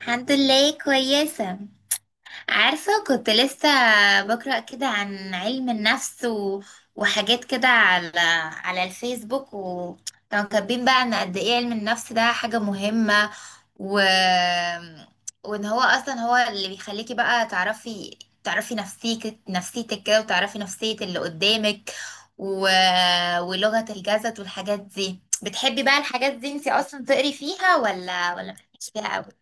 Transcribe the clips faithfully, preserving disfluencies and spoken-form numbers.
الحمد لله كويسة. عارفة كنت لسه بقرأ كده عن علم النفس و... وحاجات كده على على الفيسبوك، وكانوا كاتبين بقى ان قد ايه علم النفس ده حاجة مهمة، و... وان هو اصلا هو اللي بيخليكي بقى تعرفي تعرفي نفسيك نفسيتك كده، وتعرفي نفسية اللي قدامك، و... ولغة الجسد والحاجات دي. بتحبي بقى الحاجات دي انتي اصلا تقري فيها ولا ولا مالكيش فيها قوي؟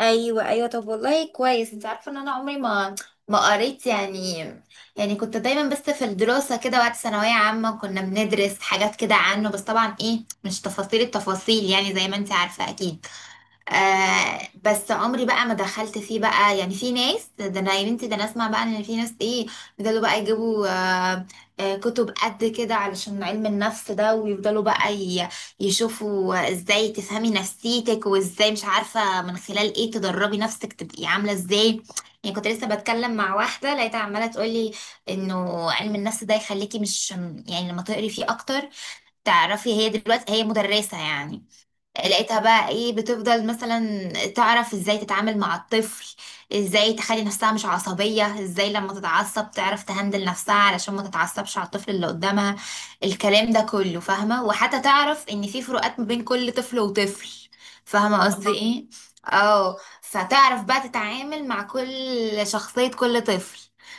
ايوه، ايوه. طب والله كويس، انت عارفه ان انا عمري ما ما قريت يعني يعني كنت دايما بس في الدراسه كده، وقت ثانويه عامه كنا بندرس حاجات كده عنه، بس طبعا ايه مش تفاصيل التفاصيل، يعني زي ما انت عارفه اكيد. آه، بس عمري بقى ما دخلت فيه بقى، يعني في ناس، ده انا يا بنتي ده انا اسمع بقى ان في ناس ايه بيفضلوا بقى يجيبوا آه آه كتب قد كده علشان علم النفس ده، ويفضلوا بقى ي- يشوفوا ازاي تفهمي نفسيتك، وازاي مش عارفة من خلال ايه تدربي نفسك تبقي عاملة ازاي. يعني كنت لسه بتكلم مع واحدة لقيتها عمالة تقولي انه علم النفس ده يخليكي مش، يعني لما تقري فيه اكتر تعرفي، هي دلوقتي هي مدرسة يعني، لقيتها بقى ايه بتفضل مثلا تعرف ازاي تتعامل مع الطفل، ازاي تخلي نفسها مش عصبية، ازاي لما تتعصب تعرف تهندل نفسها علشان ما تتعصبش على الطفل اللي قدامها. الكلام ده كله فاهمة، وحتى تعرف ان في فروقات ما بين كل طفل وطفل. فاهمة قصدي ايه؟ اه. فتعرف بقى تتعامل مع كل شخصية كل طفل،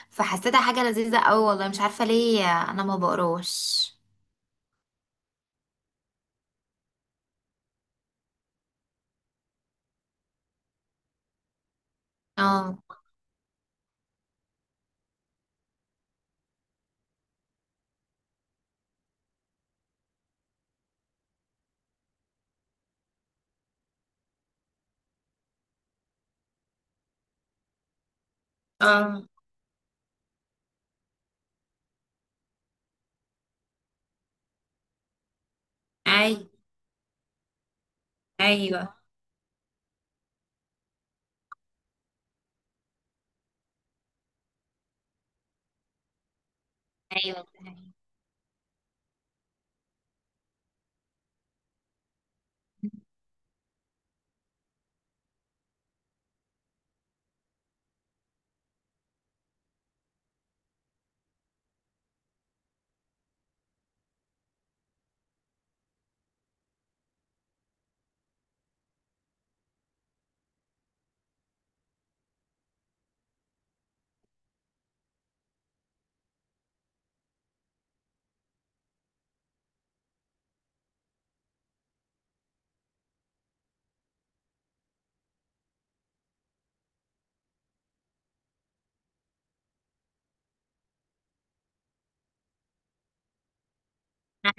فحسيتها حاجة لذيذة اوي، والله مش عارفة ليه، انا ما بقروش. اه، اه، اي. ايوه، ايوه.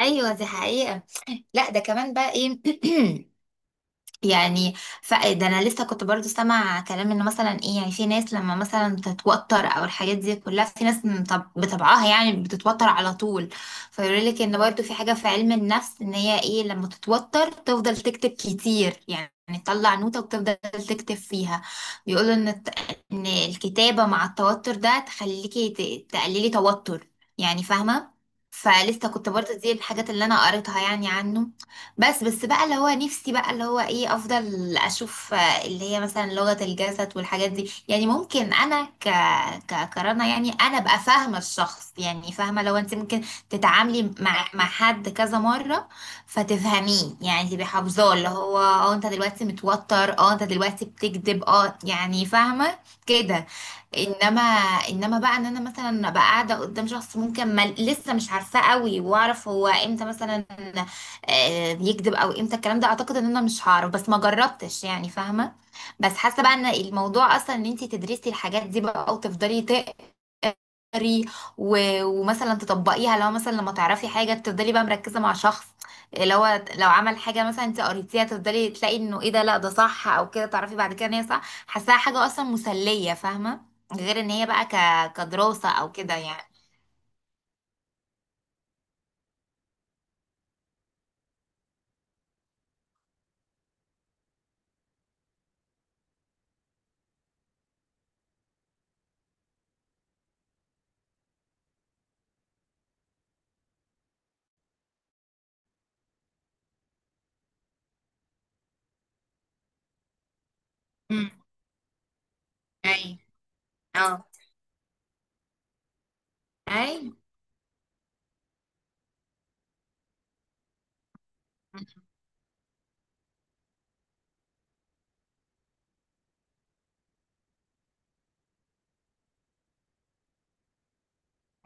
ايوه، دي حقيقة. لا، ده كمان بقى ايه. يعني ف... ده انا لسه كنت برضو سامع كلام انه مثلا ايه، يعني في ناس لما مثلا تتوتر او الحاجات دي كلها، في ناس من طب... بطبعها يعني بتتوتر على طول. فيقول لك ان برضو في حاجة في علم النفس، ان هي ايه لما تتوتر تفضل تكتب كتير، يعني تطلع نوتة وتفضل تكتب فيها. بيقولوا ان الت- ان الكتابة مع التوتر ده تخليكي ت... تقللي توتر، يعني فاهمة. فلسه كنت برضو دي الحاجات اللي انا قريتها يعني عنه. بس بس بقى اللي هو نفسي بقى اللي هو ايه، افضل اشوف آه، اللي هي مثلا لغة الجسد والحاجات دي، يعني ممكن انا ك ك كرنا يعني، انا ابقى فاهمة الشخص، يعني فاهمة لو انت ممكن تتعاملي مع مع حد كذا مرة فتفهميه، يعني تبقي حافظاه اللي هو اه انت دلوقتي متوتر، اه انت دلوقتي بتكذب، اه يعني فاهمة كده. انما انما بقى ان انا مثلا ابقى قاعده قدام شخص ممكن ما لسه مش عارفاه قوي، واعرف هو امتى مثلا آه، بيكذب، او امتى الكلام ده، اعتقد ان انا مش هعرف، بس ما جربتش يعني فاهمه. بس حاسه بقى ان الموضوع اصلا ان انت تدرسي الحاجات دي بقى وتفضلي تقري، و- ومثلا تطبقيها، لو مثلا لما تعرفي حاجه تفضلي بقى مركزه مع شخص، لو لو عمل حاجه مثلا انت قريتيها، تفضلي تلاقي انه ايه ده، لا ده صح، او كده تعرفي بعد كده ان هي صح. حاساها حاجه اصلا مسليه فاهمه، غير ان هي بقى ك... كدراسه او كده يعني. امم، اي، اه،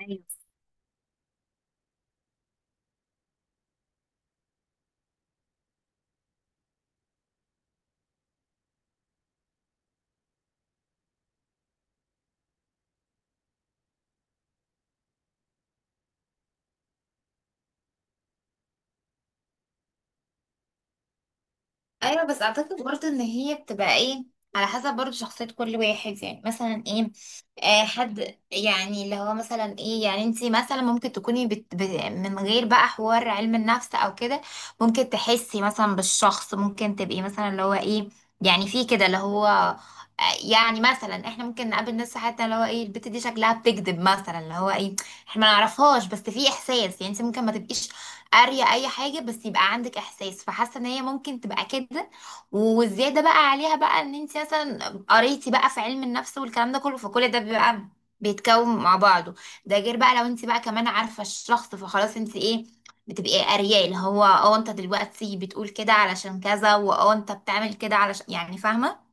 اي. ايوه، بس اعتقد برضه ان هي بتبقى ايه، على حسب برضه شخصية كل واحد، يعني مثلا ايه، آه، حد يعني اللي هو مثلا ايه، يعني انتي مثلا ممكن تكوني بت ب من غير بقى حوار علم النفس او كده، ممكن تحسي مثلا بالشخص، ممكن تبقي مثلا اللي هو ايه، يعني في كده اللي هو آه، يعني مثلا احنا ممكن نقابل ناس في حياتنا اللي هو ايه، البت دي شكلها بتكذب مثلا، اللي هو ايه احنا ما نعرفهاش، بس في احساس، يعني انت ممكن ما تبقيش قارية أي حاجة، بس يبقى عندك إحساس، فحاسة إن هي ممكن تبقى كده. والزيادة بقى عليها بقى إن أنت مثلا قريتي بقى في علم النفس والكلام ده كله، فكل ده بيبقى بيتكون مع بعضه. ده غير بقى لو أنت بقى كمان عارفة الشخص، فخلاص أنت إيه، بتبقي قارية اللي هو اه أنت دلوقتي بتقول كده علشان كذا، واه أنت بتعمل كده علشان، يعني فاهمة،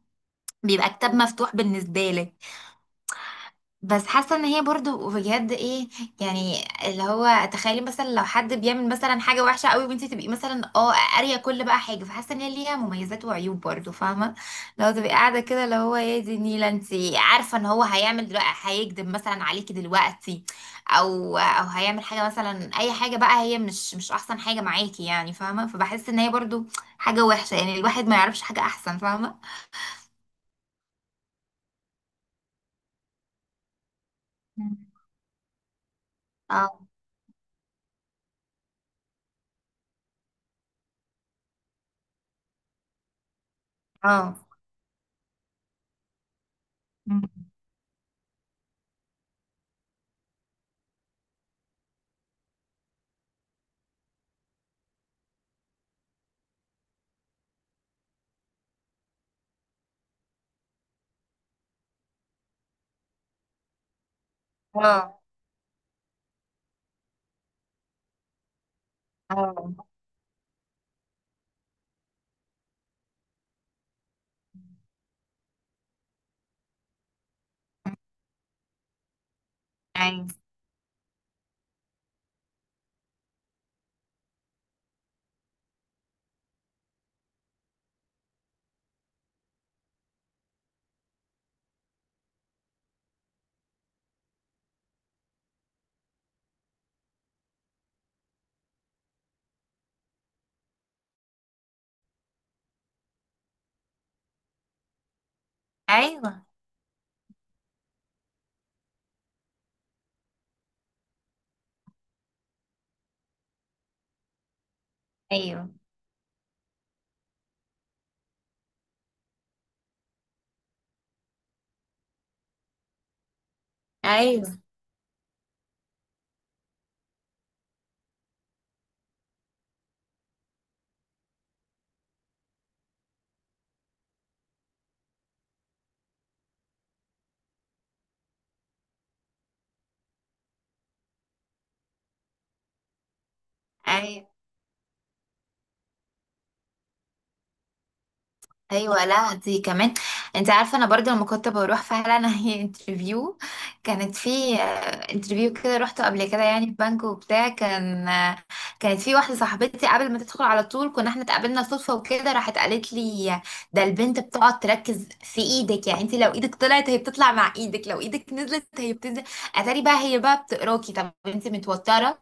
بيبقى كتاب مفتوح بالنسبة لك. بس حاسه ان هي برضو بجد ايه، يعني اللي هو تخيلي مثلا لو حد بيعمل مثلا حاجه وحشه قوي وانت تبقي مثلا اه قاريه كل بقى حاجه، فحاسه ان هي ليها مميزات وعيوب برضو فاهمه. لو تبقي قاعده كده اللي هو ايه دي نيله، انت عارفه ان هو هيعمل دلوقتي، هيكذب مثلا عليكي دلوقتي، او او هيعمل حاجه مثلا اي حاجه بقى، هي مش مش احسن حاجه معاكي، يعني فاهمه. فبحس ان هي برضو حاجه وحشه، يعني الواحد ما يعرفش حاجه احسن، فاهمه. مم. اه، اه. مم. اه، اه. ايوه، ايوه، ايوه. ايوه، ايوه، ايوه، لا دي كمان. انت عارفه انا برضو لما كنت بروح فعلا هي انترفيو، كانت في انترفيو كده روحته قبل كده، يعني في بنك وبتاع، كان آه، كانت في واحده صاحبتي قبل ما تدخل على طول، كنا احنا اتقابلنا صدفه وكده، راحت قالت لي ده البنت بتقعد تركز في ايدك، يعني انت لو ايدك طلعت هي بتطلع مع ايدك، لو ايدك نزلت هي بتنزل. اتاري بقى هي بقى بتقراكي، طب انت متوتره،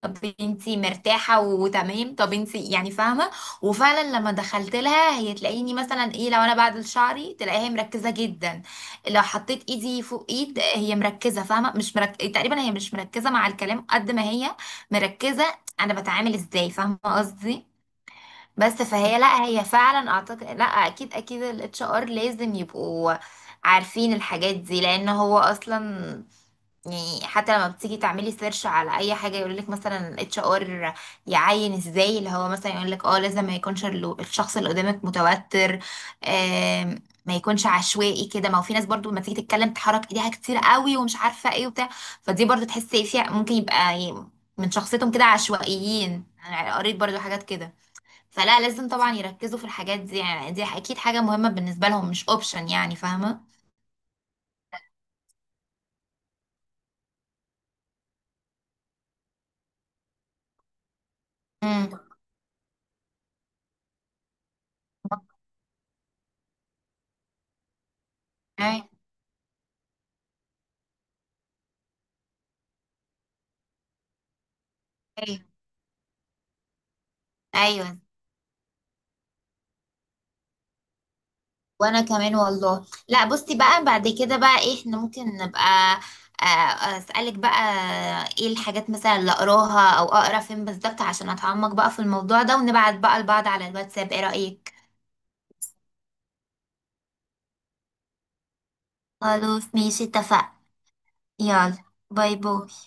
طب انتي مرتاحة وتمام، طب انتي يعني فاهمة. وفعلا لما دخلت لها هي تلاقيني مثلا ايه، لو انا بعدل شعري تلاقيها مركزة جدا، لو حطيت ايدي فوق ايد هي مركزة، فاهمة مش مرك... تقريبا هي مش مركزة مع الكلام قد ما هي مركزة انا بتعامل ازاي، فاهمة قصدي. بس فهي لا، هي فعلا اعتقد، لا اكيد اكيد الاتش ار لازم يبقوا عارفين الحاجات دي، لان هو اصلا يعني حتى لما بتيجي تعملي سيرش على اي حاجه يقول لك مثلا الاتش ار يعين ازاي، اللي هو مثلا يقول لك اه لازم ما يكونش ال- الشخص اللي قدامك متوتر، آم، ما يكونش عشوائي كده، ما هو في ناس برضو لما تيجي تتكلم تحرك ايديها كتير قوي ومش عارفه ايه وبتاع، فدي برضو تحسي فيها ممكن يبقى ي- من شخصيتهم كده عشوائيين، انا قريت برضو حاجات كده. فلا لازم طبعا يركزوا في الحاجات دي، يعني دي اكيد حاجه مهمه بالنسبه لهم، مش اوبشن، يعني فاهمه. امم. ايوه، ايوه، وانا كمان والله. لا بصي بقى بعد كده بقى إيه، احنا ممكن نبقى آه، آه، اسالك بقى ايه الحاجات مثلا اللي اقراها او اقرا فين بالظبط عشان اتعمق بقى في الموضوع ده، ونبعت بقى لبعض على الواتساب، ايه رأيك؟ خلاص ماشي اتفقنا. يلا. باي، باي.